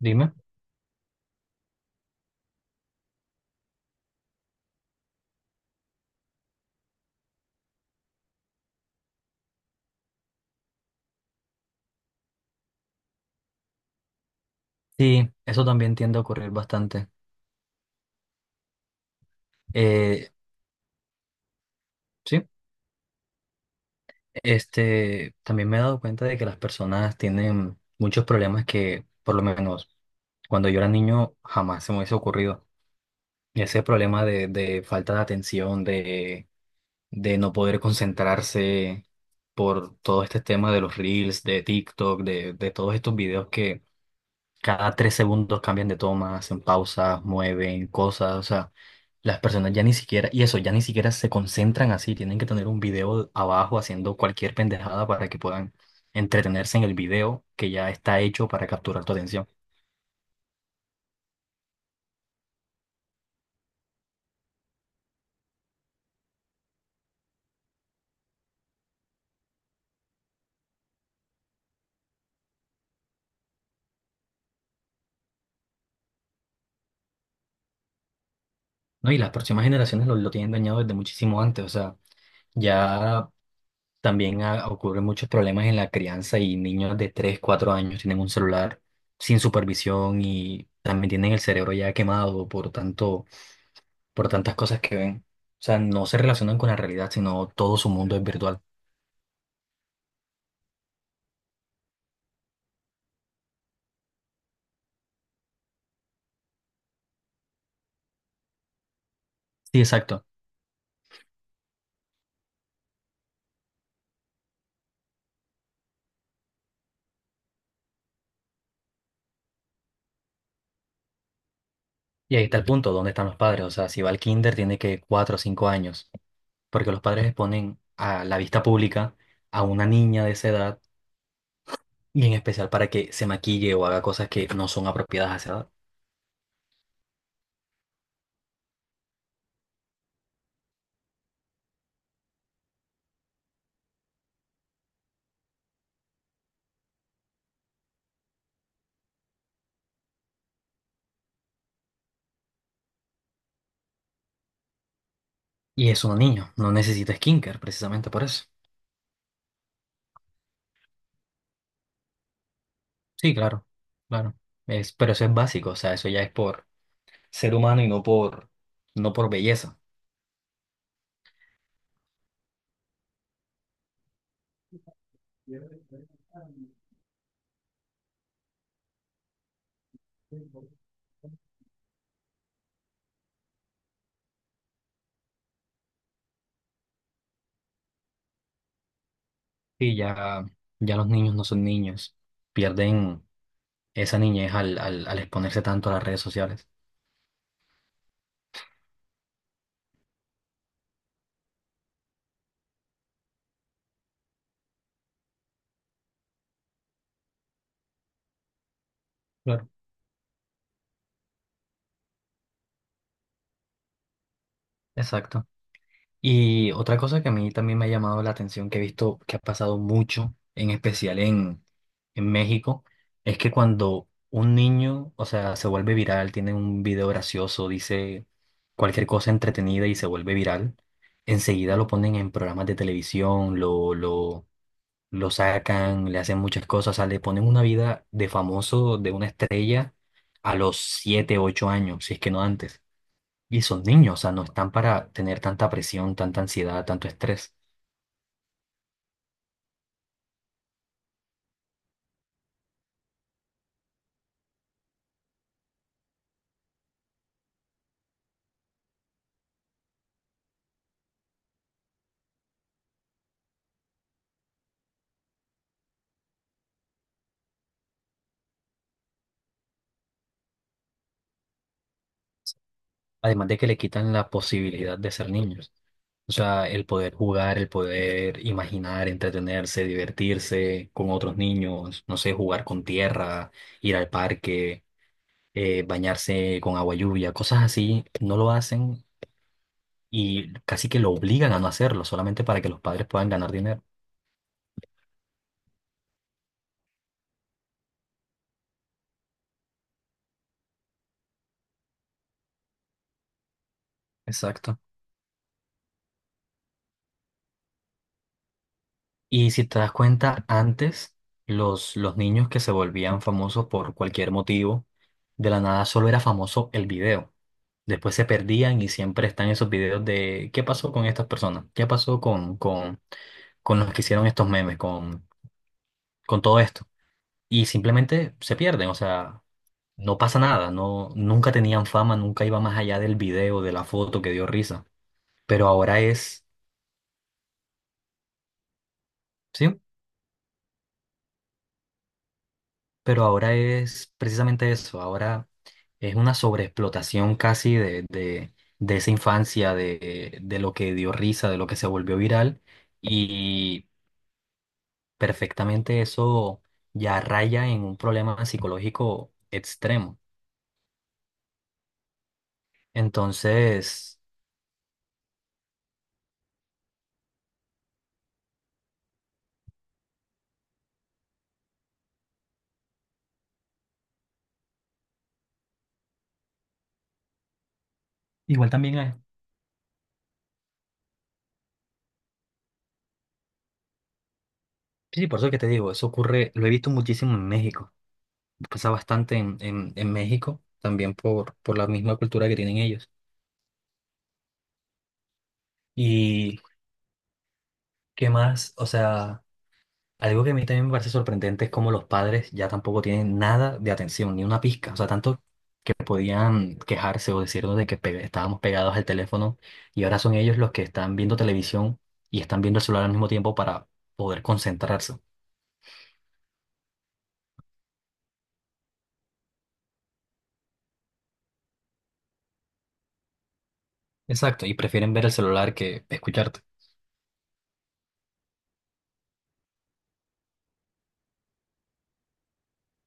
Dime. Sí, eso también tiende a ocurrir bastante. Eh, sí, También me he dado cuenta de que las personas tienen muchos problemas que, por lo menos, cuando yo era niño jamás se me hubiese ocurrido. Ese problema de falta de atención, de no poder concentrarse por todo este tema de los reels, de TikTok, de todos estos videos que cada 3 segundos cambian de toma, hacen pausas, mueven cosas. O sea, las personas ya ni siquiera, y eso, ya ni siquiera se concentran así, tienen que tener un video abajo haciendo cualquier pendejada para que puedan entretenerse en el video que ya está hecho para capturar tu atención. No, y las próximas generaciones lo tienen dañado desde muchísimo antes. O sea, ya también ocurren muchos problemas en la crianza y niños de 3 4 años tienen un celular sin supervisión y también tienen el cerebro ya quemado por tanto, por tantas cosas que ven. O sea, no se relacionan con la realidad, sino todo su mundo es virtual. Sí, exacto. Y ahí está el punto, ¿dónde están los padres? O sea, si va al kinder tiene que 4 o 5 años, porque los padres exponen a la vista pública a una niña de esa edad, y en especial para que se maquille o haga cosas que no son apropiadas a esa edad. Y es una niña, no necesita skincare precisamente por eso. Sí, claro, claro. Es, pero eso es básico, o sea, eso ya es por ser humano y no por belleza. Sí, ya, ya los niños no son niños, pierden esa niñez al exponerse tanto a las redes sociales. Claro. Exacto. Y otra cosa que a mí también me ha llamado la atención, que he visto que ha pasado mucho, en especial en México, es que cuando un niño, o sea, se vuelve viral, tiene un video gracioso, dice cualquier cosa entretenida y se vuelve viral, enseguida lo ponen en programas de televisión, lo sacan, le hacen muchas cosas, o sea, le ponen una vida de famoso, de una estrella, a los 7 8 años, si es que no antes. Y son niños, o sea, no están para tener tanta presión, tanta ansiedad, tanto estrés. Además de que le quitan la posibilidad de ser niños. O sea, el poder jugar, el poder imaginar, entretenerse, divertirse con otros niños, no sé, jugar con tierra, ir al parque, bañarse con agua lluvia, cosas así, no lo hacen y casi que lo obligan a no hacerlo, solamente para que los padres puedan ganar dinero. Exacto. Y si te das cuenta, antes los niños que se volvían famosos por cualquier motivo, de la nada solo era famoso el video. Después se perdían y siempre están esos videos de qué pasó con estas personas, qué pasó con los que hicieron estos memes, con todo esto. Y simplemente se pierden, o sea, no pasa nada, no, nunca tenían fama, nunca iba más allá del video, de la foto que dio risa. Pero ahora es, ¿sí? Pero ahora es precisamente eso, ahora es una sobreexplotación casi de esa infancia, de lo que dio risa, de lo que se volvió viral y perfectamente eso ya raya en un problema psicológico extremo. Entonces, igual también hay... Sí, por eso que te digo, eso ocurre, lo he visto muchísimo en México, pasa bastante en México, también por la misma cultura que tienen ellos. ¿Y qué más? O sea... Algo que a mí también me parece sorprendente es cómo los padres ya tampoco tienen nada de atención, ni una pizca. O sea, tanto que podían quejarse o decirnos de que estábamos pegados al teléfono y ahora son ellos los que están viendo televisión y están viendo el celular al mismo tiempo para poder concentrarse. Exacto, y prefieren ver el celular que escucharte.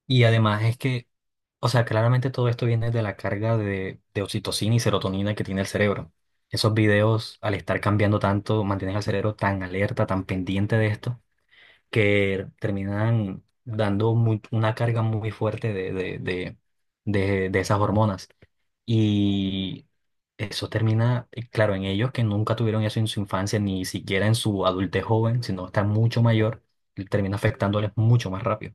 Y además es que, o sea, claramente todo esto viene de la carga de oxitocina y serotonina que tiene el cerebro. Esos videos, al estar cambiando tanto, mantienen al cerebro tan alerta, tan pendiente de esto que terminan dando una carga muy fuerte de esas hormonas. Y eso termina, claro, en ellos que nunca tuvieron eso en su infancia, ni siquiera en su adultez joven, sino está mucho mayor, y termina afectándoles mucho más rápido.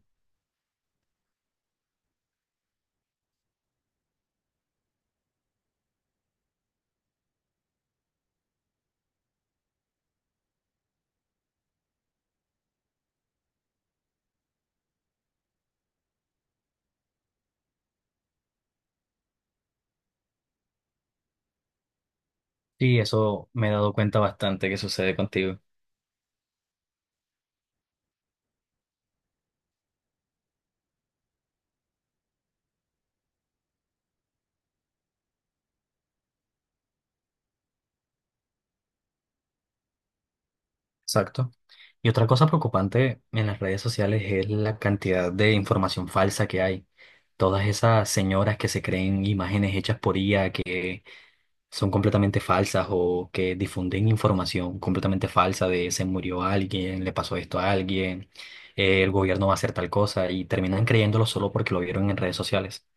Sí, eso me he dado cuenta bastante que sucede contigo. Exacto. Y otra cosa preocupante en las redes sociales es la cantidad de información falsa que hay. Todas esas señoras que se creen imágenes hechas por IA, que son completamente falsas o que difunden información completamente falsa de se murió alguien, le pasó esto a alguien, el gobierno va a hacer tal cosa y terminan creyéndolo solo porque lo vieron en redes sociales.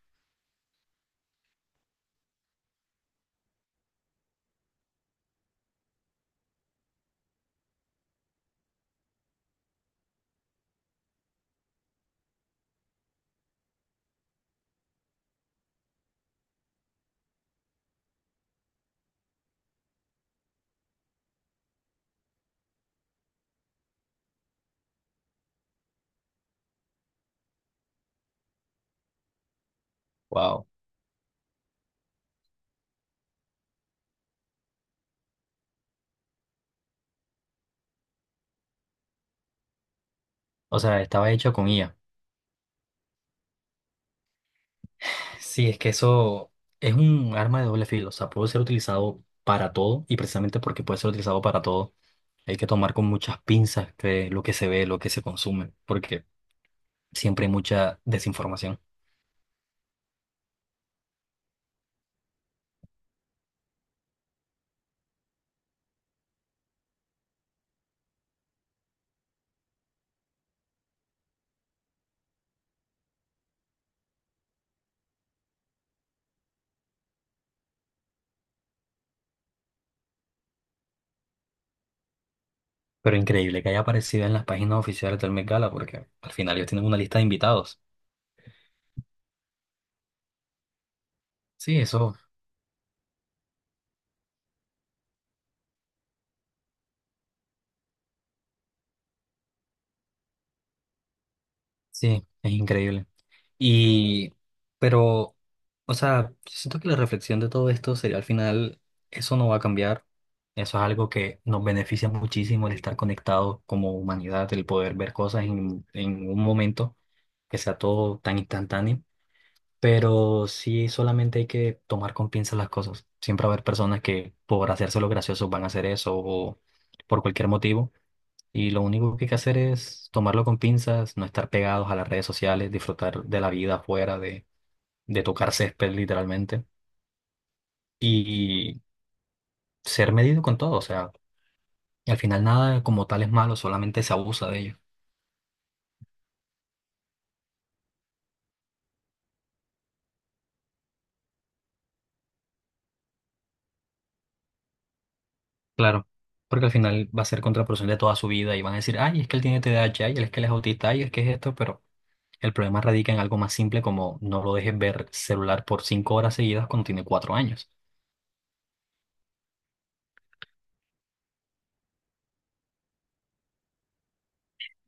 Wow. O sea, estaba hecho con IA. Sí, es que eso es un arma de doble filo. O sea, puede ser utilizado para todo y precisamente porque puede ser utilizado para todo, hay que tomar con muchas pinzas que lo que se ve, lo que se consume, porque siempre hay mucha desinformación. Pero increíble que haya aparecido en las páginas oficiales del Met Gala, porque al final ellos tienen una lista de invitados. Sí, eso, sí, es increíble. Y, pero, o sea, siento que la reflexión de todo esto sería al final, eso no va a cambiar. Eso es algo que nos beneficia muchísimo el estar conectados como humanidad, el poder ver cosas en un momento que sea todo tan instantáneo. Pero sí, solamente hay que tomar con pinzas las cosas. Siempre va a haber personas que por hacérselo gracioso van a hacer eso o por cualquier motivo. Y lo único que hay que hacer es tomarlo con pinzas, no estar pegados a las redes sociales, disfrutar de la vida afuera, de tocar césped literalmente y ser medido con todo. O sea, al final nada como tal es malo, solamente se abusa de ello. Claro, porque al final va a ser contraproducente toda su vida y van a decir, ay, es que él tiene TDAH, ay, es que él es autista, ay, es que es esto, pero... El problema radica en algo más simple como no lo dejes ver celular por 5 horas seguidas cuando tiene 4 años.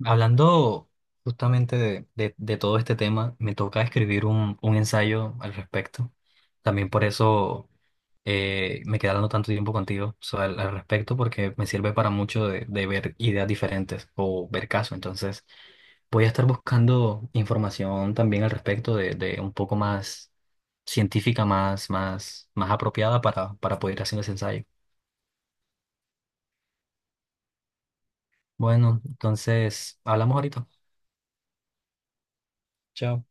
Hablando justamente de todo este tema, me toca escribir un ensayo al respecto. También por eso me quedé hablando tanto tiempo contigo al respecto, porque me sirve para mucho de ver ideas diferentes o ver casos. Entonces, voy a estar buscando información también al respecto de un poco más científica, más apropiada para poder hacer ese ensayo. Bueno, entonces, hablamos ahorita. Chao.